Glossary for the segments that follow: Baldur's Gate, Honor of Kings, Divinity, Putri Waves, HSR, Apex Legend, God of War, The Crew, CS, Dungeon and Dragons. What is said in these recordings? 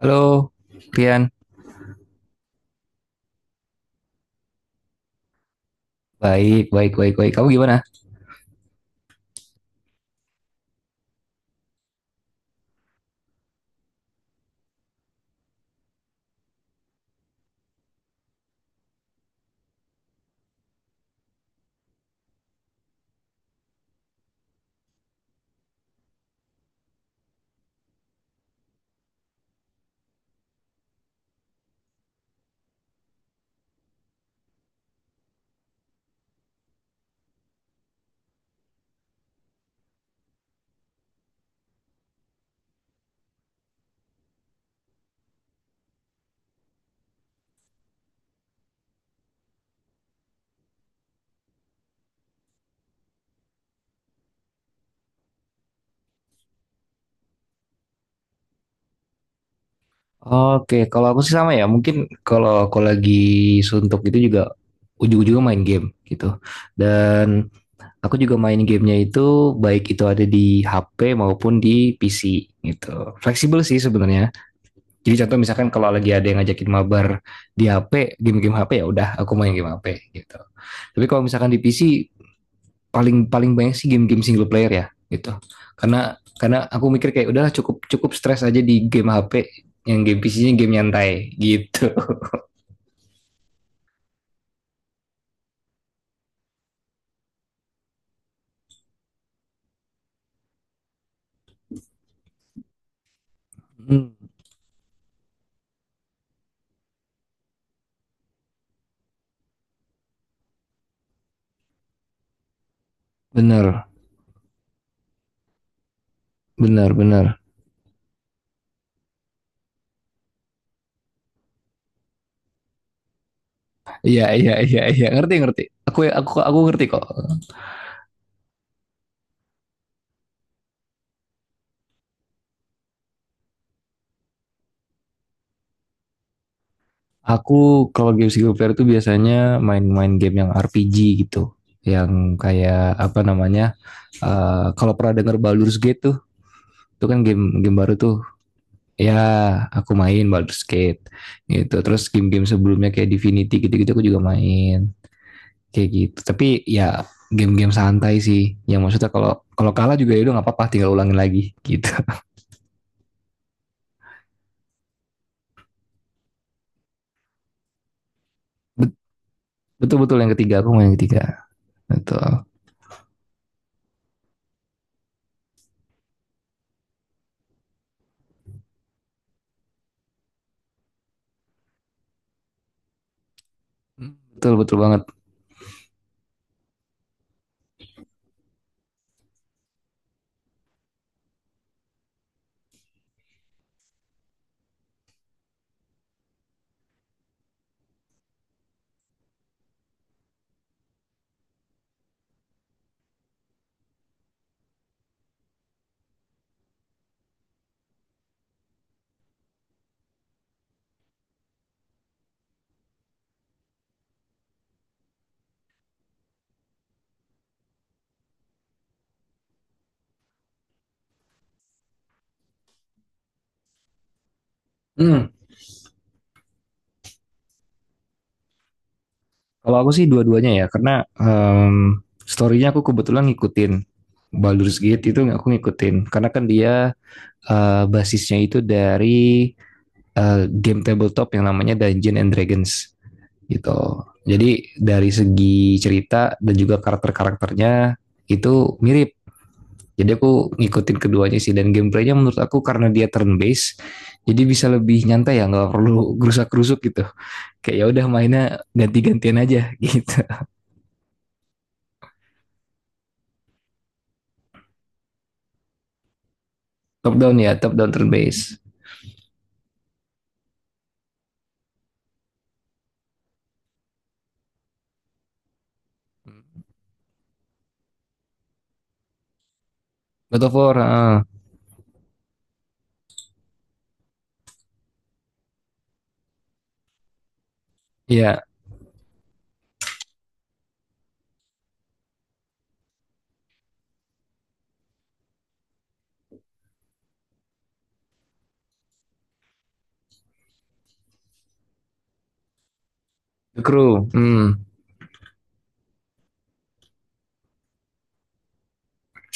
Halo, Pian. Baik, baik, baik, baik. Kamu gimana? Oke, kalau aku sih sama ya. Mungkin kalau aku lagi suntuk itu juga ujung-ujungnya main game gitu. Dan aku juga main gamenya itu baik itu ada di HP maupun di PC gitu. Fleksibel sih sebenarnya. Jadi contoh misalkan kalau lagi ada yang ngajakin mabar di HP, game-game HP ya udah aku main game HP gitu. Tapi kalau misalkan di PC paling paling banyak sih game-game single player ya gitu karena karena aku mikir kayak udahlah cukup cukup stres aja di game HP yang game PC-nya game nyantai gitu. Hmm, bener bener bener. Iya iya iya iya, ngerti ngerti. Aku ngerti kok. Aku kalau game single player tuh biasanya main-main game yang RPG gitu, yang kayak apa namanya, kalau pernah denger Baldur's Gate tuh, itu kan game game baru tuh. Ya, aku main Baldur's Gate gitu. Terus game-game sebelumnya kayak Divinity gitu-gitu aku juga main kayak gitu. Tapi ya, game-game santai sih. Yang maksudnya kalau kalau juga ya udah nggak apa-apa, tinggal ulangin lagi gitu. Betul-betul yang ketiga, aku main yang ketiga. Betul. Betul betul banget. Hmm. Kalau aku sih dua-duanya ya, karena em story-nya aku kebetulan ngikutin. Baldur's Gate itu aku ngikutin karena kan dia basisnya itu dari game tabletop yang namanya Dungeon and Dragons gitu. Jadi dari segi cerita dan juga karakter-karakternya itu mirip. Jadi aku ngikutin keduanya sih, dan gameplaynya menurut aku karena dia turn based, jadi bisa lebih nyantai ya, nggak perlu gerusak-gerusuk gitu. Kayak ya udah mainnya ganti-gantian aja gitu. Top down ya, top down turn based. God of War, ah. Iya, The Crew. Hmm.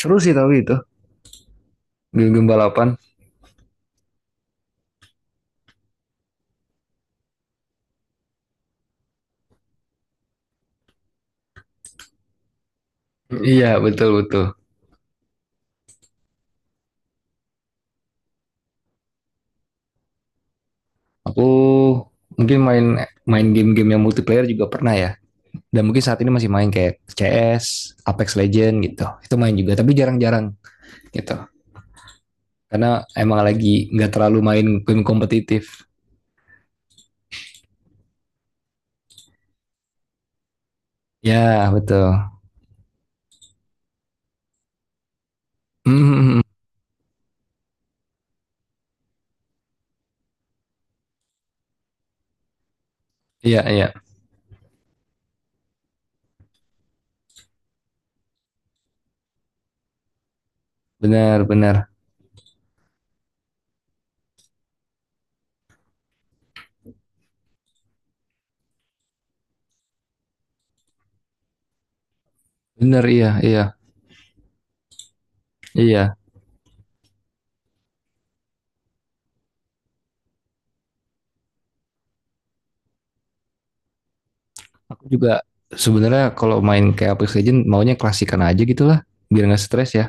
Seru sih, tapi itu game-game balapan. Iya betul betul. Aku mungkin main main game-game yang multiplayer juga pernah ya. Dan mungkin saat ini masih main kayak CS, Apex Legend gitu. Itu main juga, tapi jarang-jarang gitu. Karena emang lagi nggak terlalu main game kompetitif. Ya, betul. Hmm. Iya, iya. Benar, benar. Benar, iya, iya. Iya. Aku juga sebenarnya kalau main kayak Apex Legend maunya klasikan aja gitu lah. Biar nggak stres ya.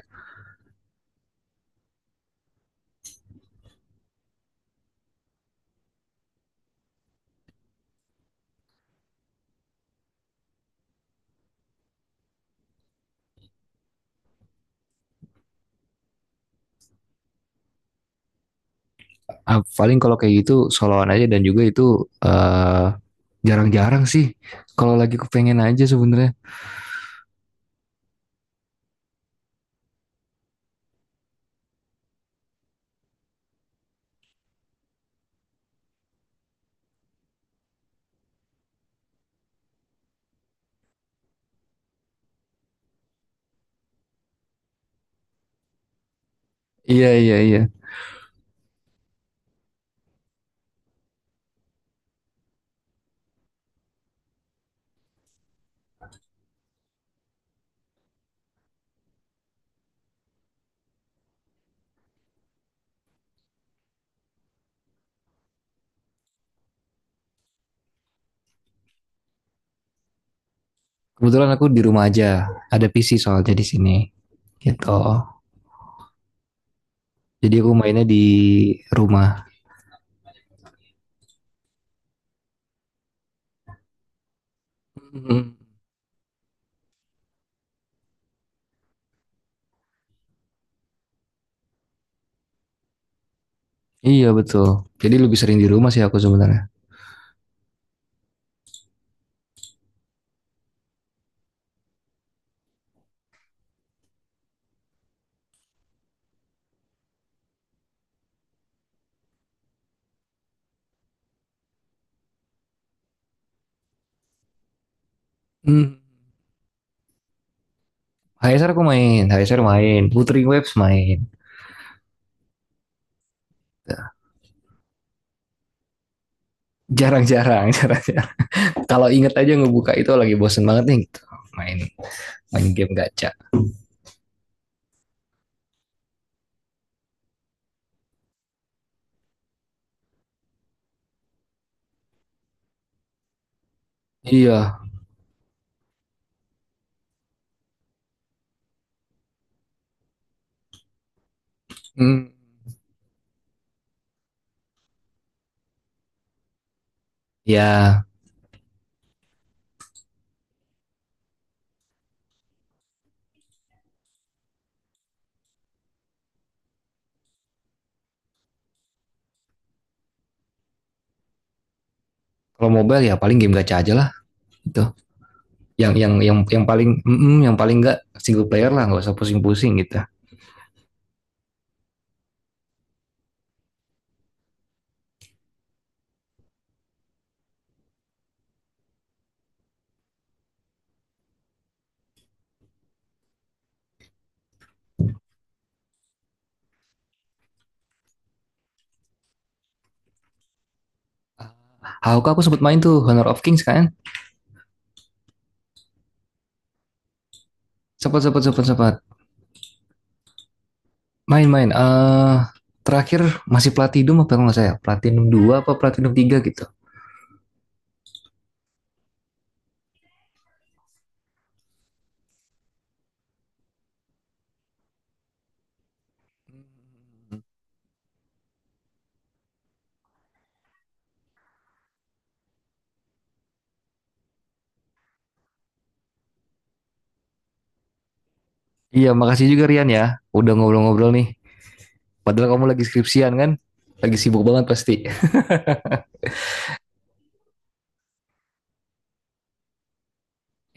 Ah, paling kalau kayak gitu soloan aja, dan juga itu jarang-jarang sih, kalau lagi kepengen aja sebenarnya. Iya iya iya. Kebetulan aku di rumah aja. Ada PC soalnya di sini. Gitu. Jadi aku mainnya di rumah. Mhm. Iya betul. Jadi lebih sering di rumah sih aku sebenarnya. Hmm. HSR aku main, HSR main, Putri Waves main. Jarang-jarang, jarang-jarang. Kalau inget aja ngebuka itu, lagi bosen banget nih gitu. Main main game gacha. Iya. Hmm. Ya, kalau mobile ya paling game gacha aja lah gitu. Yang paling yang paling enggak single player lah, nggak usah pusing-pusing gitu. Haruka aku sempat main tuh Honor of Kings kan? Sempat sempat sempat sempat main-main. Terakhir masih Platinum apa nggak saya? Platinum 2 apa Platinum tiga gitu. Iya, makasih juga Rian ya. Udah ngobrol-ngobrol nih. Padahal kamu lagi skripsian kan? Lagi sibuk banget pasti.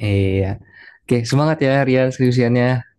Iya. Oke, semangat ya Rian skripsiannya.